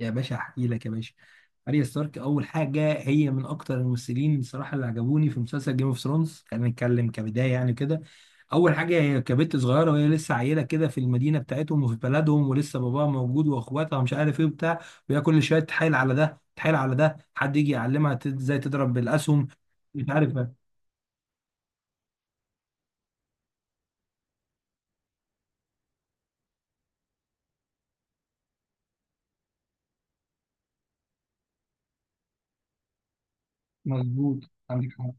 يا باشا احكي لك يا باشا. اريا ستارك اول حاجه، هي من اكتر الممثلين بصراحه اللي عجبوني في مسلسل جيم اوف ثرونز، خلينا نتكلم كبدايه يعني كده. اول حاجه هي كبت صغيره وهي لسه عيله كده في المدينه بتاعتهم وفي بلدهم، ولسه باباها موجود واخواتها مش عارف ايه وبتاع. وهي كل شويه تحايل على ده تحايل على ده حد يجي يعلمها ازاي تضرب بالاسهم مش عارف. مظبوط، عندك حق.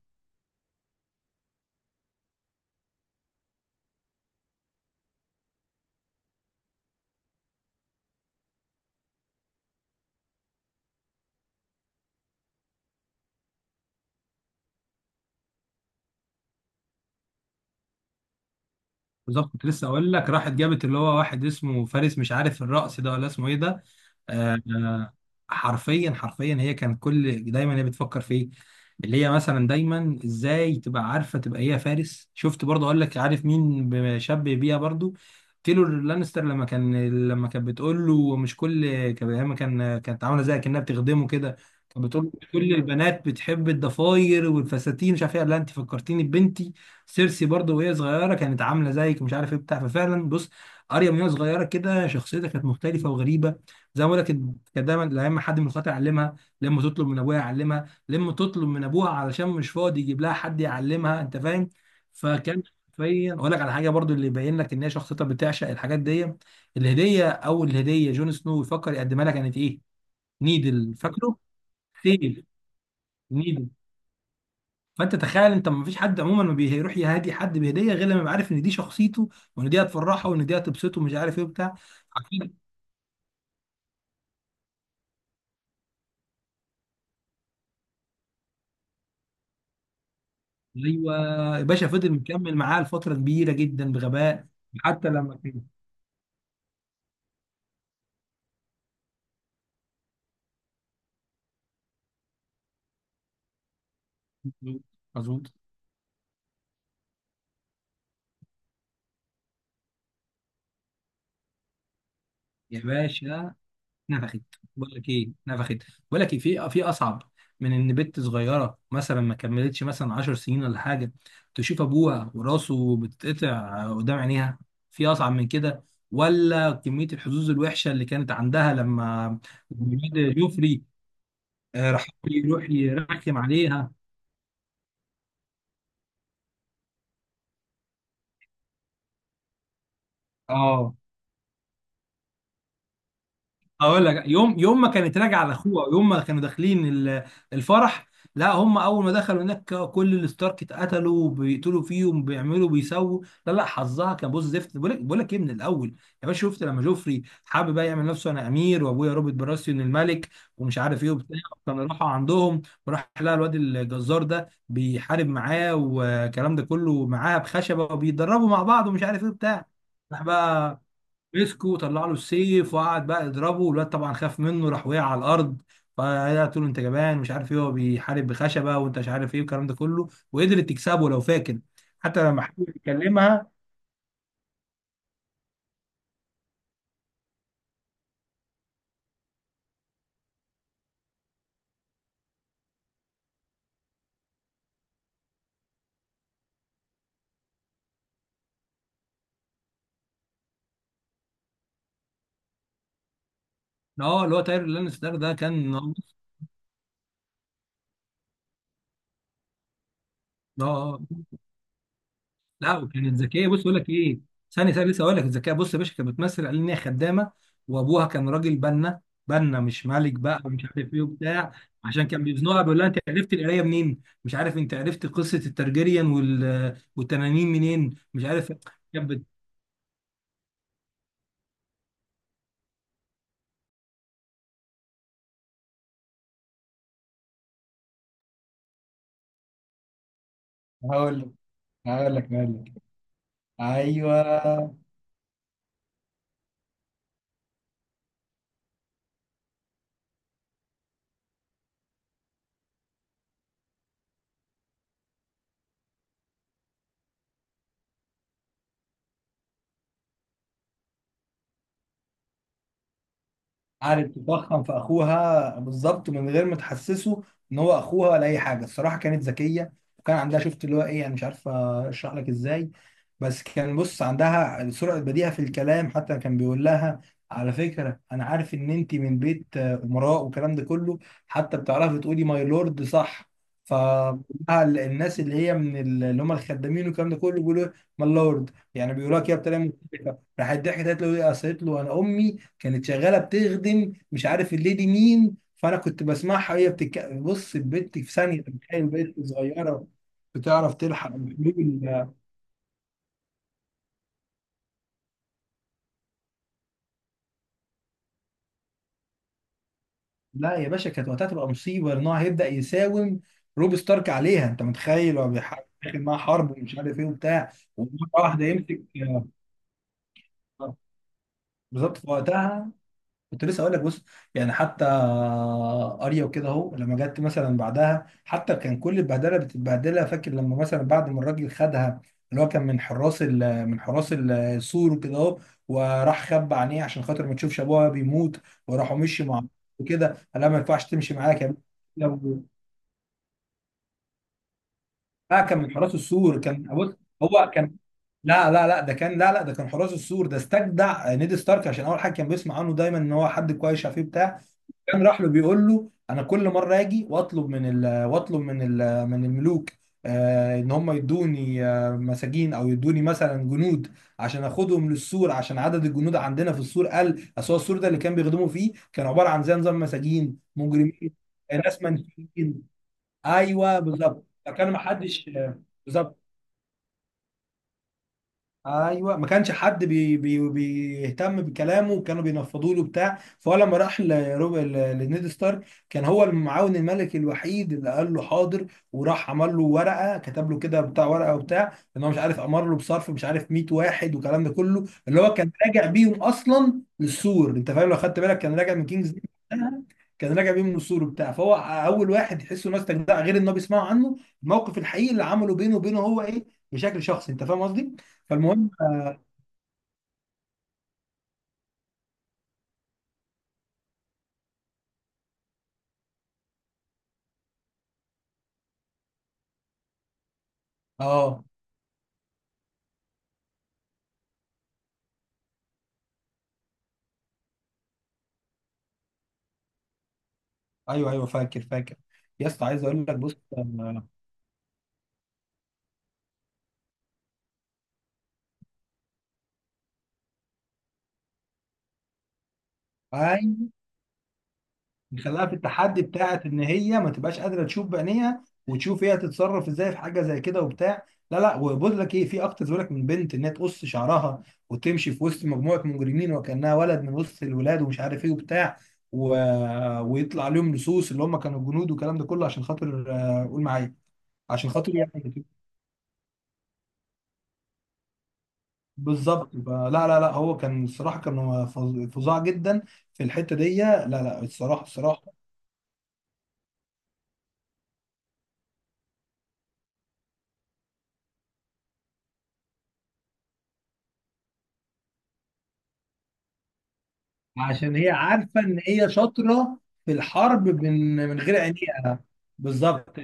بالظبط، كنت لسه اقول لك، راحت جابت اللي هو واحد اسمه فارس مش عارف الرأس ده ولا اسمه ايه ده. آه آه، حرفيا هي كانت كل دايما هي بتفكر فيه، اللي هي مثلا دايما ازاي تبقى عارفه تبقى هي فارس. شفت برضه، اقول لك عارف مين بشبه بيها برضه؟ تيلور لانستر، لما كانت بتقول له مش كل لما كانت عامله زي كانها بتخدمه كده. كانت بتقول له مش كل البنات بتحب الضفاير والفساتين مش عارف ايه، قال لها انت فكرتيني ببنتي سيرسي، برضو وهي صغيره كانت عامله زيك مش عارف ايه بتاع ففعلا بص، اريا من وهي صغيره كده شخصيتها كانت مختلفه وغريبه. زي ما بقول لك، كانت دايما لما حد من اخواتها يعلمها، لما تطلب من ابوها يعلمها، لما تطلب من ابوها علشان مش فاضي يجيب لها حد يعلمها، انت فاهم. فكان حرفيا اقول لك على حاجه برضو اللي يبين لك ان هي شخصيتها بتعشق الحاجات دي. الهديه، اول هديه جون سنو يفكر يقدمها لها كانت ايه؟ نيدل، فاكره؟ سيف. فانت تخيل، انت ما فيش حد عموما ما بيروح يهادي حد بهديه غير لما يبقى عارف ان دي شخصيته، وان دي هتفرحه وان دي هتبسطه مش عارف ايه وبتاع. عارفين. ايوه، يا باشا فضل مكمل معاه لفتره كبيره جدا بغباء. حتى لما كان. مظبوط. مظبوط. يا باشا نفخت، بقول لك ايه، نفخت. بقول لك ايه في اصعب من ان بنت صغيره مثلا ما كملتش مثلا 10 سنين ولا حاجه، تشوف ابوها وراسه بتتقطع قدام عينيها؟ في اصعب من كده؟ ولا كميه الحظوظ الوحشه اللي كانت عندها لما الواد جوفري راح يروح يرخم عليها. اه، اقول لك، يوم يوم ما كانت راجعه على اخوها، يوم ما كانوا داخلين الفرح. لا، هم اول ما دخلوا هناك كل الستارك اتقتلوا، بيقتلوا فيهم بيعملوا بيسووا. لا حظها كان بص زفت، بقول لك، بقول لك ايه من الاول. يا باشا شفت لما جوفري حابب بقى يعمل نفسه انا امير وابويا روبرت براسيون الملك ومش عارف ايه وبتاع؟ كانوا راحوا عندهم وراح لقى الواد الجزار ده بيحارب معاه والكلام ده كله، معاه بخشبه وبيتدربوا مع بعض ومش عارف ايه وبتاع. راح بقى مسكه وطلع له السيف وقعد بقى يضربه، والواد طبعا خاف منه راح وقع على الارض. فقالت له انت جبان مش عارف ايه، هو بيحارب بخشبه وانت مش عارف ايه والكلام ده كله، وقدرت تكسبه لو فاكر. حتى لما حاول يكلمها. اه، اللي هو تاير لانستر ده، كان اه. آه. لا وكانت ذكيه، بص اقول لك ايه، ثانيه لسه اقول لك الذكيه. بص يا باشا، كانت بتمثل على ان هي خدامه، وابوها كان راجل بنا، بنا مش ملك بقى ومش عارف ايه وبتاع. عشان كان بيزنقها بيقول لها انت عرفت القرايه منين مش عارف، انت عرفت قصه الترجريان والتنانين منين مش عارف. كانت بت- هقول لك هقول لك. ايوه، قعدت تتضخم في اخوها بالظبط من غير ما تحسسه ان هو اخوها ولا اي حاجه. الصراحه كانت ذكيه، وكان عندها، شفت اللي هو ايه، انا مش عارف اشرح لك ازاي، بس كان بص عندها سرعه بديهه في الكلام. حتى كان بيقول لها، على فكره انا عارف ان انت من بيت امراء والكلام ده كله، حتى بتعرفي تقولي ماي لورد صح. ف الناس اللي هي من اللي هم الخدامين والكلام ده كله بيقولوا ماي لورد، يعني بيقولوها كده بطريقه مختلفه. راحت ضحكت قالت له ايه، قالت له انا امي كانت شغاله بتخدم مش عارف الليدي مين، فانا كنت بسمعها وهي بص البنت في ثانيه، أنت متخيل بنت صغيره بتعرف تلحق بحبوب لا يا باشا، كانت وقتها تبقى مصيبه ان هو هيبدا يساوم روب ستارك عليها. انت متخيل هو بيحاول يدخل معاها حرب ومش عارف ايه وبتاع. ومره واحده يمسك بالظبط، في وقتها. كنت لسه اقول لك، بص يعني حتى اريا وكده اهو، لما جت مثلا بعدها حتى كان كل البهدله بتتبهدلها، فاكر لما مثلا بعد ما الراجل خدها اللي هو كان من حراس السور وكده اهو، وراح خبى عينيه عشان خاطر ما تشوفش ابوها بيموت، وراحوا مشي مع وكده. قال لها ما ينفعش تمشي معاك يا بنت. لو. اه، كان من حراس السور. كان بص، هو كان، لا ده كان، لا ده كان حراس السور ده، استجدع نيد ستارك عشان اول حاجه كان بيسمع عنه دايما ان هو حد كويس، عارف إيه بتاع. كان راح له بيقول له انا كل مره اجي واطلب من ال من الملوك آه ان هم يدوني آه مساجين او يدوني مثلا جنود عشان اخدهم للسور، عشان عدد الجنود عندنا في السور قل. اصل هو السور ده اللي كان بيخدموا فيه كان عباره عن زي نظام مساجين مجرمين. ناس منفيين. ايوه بالظبط، فكان ما حدش، بالظبط. ايوه ما كانش حد بي بي بيهتم بكلامه، وكانوا بينفضوا له بتاع. فهو لما راح لنيد ستارك، كان هو المعاون الملكي الوحيد اللي قال له حاضر، وراح عمل له ورقه، كتب له كده بتاع ورقه وبتاع ان هو مش عارف امر له بصرف مش عارف 100 واحد والكلام ده كله، اللي هو كان راجع بيهم اصلا للسور. انت فاهم لو خدت بالك، كان راجع من كينجز ليند وقتها، كان راجع بيهم من السور وبتاع. فهو اول واحد يحسه الناس تجدع، غير ان هو بيسمعوا عنه الموقف الحقيقي اللي عمله بينه وبينه هو ايه، بشكل شخصي، انت فاهم قصدي؟ فالمهم اه آه، ايوه ايوه، فاكر فاكر. يا اسطى عايز اقول لك بص ايوه، خلاها في التحدي بتاعت ان هي ما تبقاش قادره تشوف بعينيها، وتشوف هي هتتصرف ازاي في حاجه زي كده وبتاع. لا لا، وبقول لك ايه في اكتر، بيقول لك من بنت انها تقص شعرها وتمشي في وسط مجموعه مجرمين وكانها ولد من وسط الولاد ومش عارف ايه وبتاع و... ويطلع عليهم لصوص اللي هم كانوا الجنود والكلام ده كله، عشان خاطر قول معايا، عشان خاطر يعني. بالظبط. فلا لا لا لا، هو كان الصراحه، كان هو فظاع جدا في الحته دي. لا لا، الصراحه، الصراحه. عشان هي عارفه ان هي شاطره في الحرب من غير عينيها. بالظبط.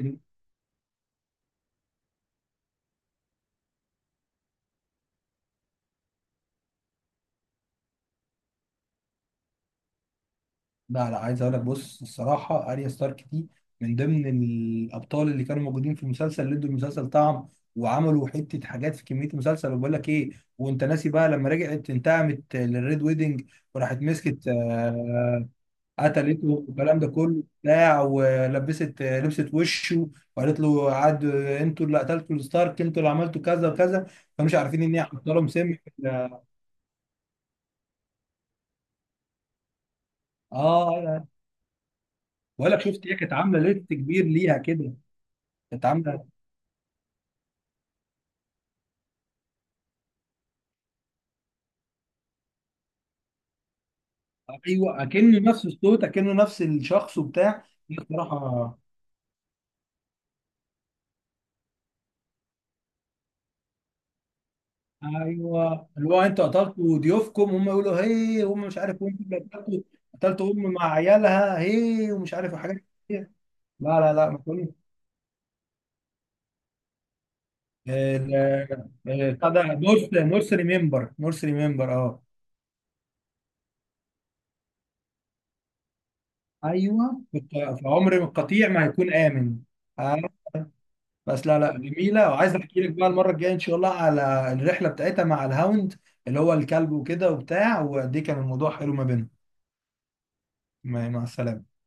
لا لا، عايز اقول لك بص الصراحه، اريا ستارك دي من ضمن الابطال اللي كانوا موجودين في المسلسل، اللي ادوا المسلسل طعم، وعملوا حته حاجات في كميه المسلسل. وبقول لك ايه، وانت ناسي بقى لما رجعت انتقمت للريد ويدنج، وراحت مسكت قتلته والكلام ده كله بتاع، ولبست لبست وشه، وقالت له عاد انتوا اللي قتلتوا الستارك، انتوا اللي عملتوا كذا وكذا. فمش عارفين ان هي حاطه لهم سم. اه أيوة. ولا شفت هي كانت عامله ليست كبير ليها كده، كانت عامله. ايوه، اكنه نفس الصوت، اكنه نفس الشخص وبتاع. دي بصراحه. ايوه، اللي هو انتوا قتلتوا ضيوفكم، هم يقولوا هي هم مش عارف، وانتوا اللي قتلتوا، قتلتوا ام مع عيالها هي ومش عارف، وحاجات كتير. لا لا لا ما تقولش. ال- بتاع ده مورس ريمبر اه. ايوه، كنت في عمر القطيع ما هيكون امن. آه. بس لا لا جميله، وعايز احكي لك بقى المره الجايه ان شاء الله على الرحله بتاعتها مع الهاوند اللي هو الكلب وكده وبتاع، وقد ايه كان الموضوع حلو ما بينهم. مع السلامه.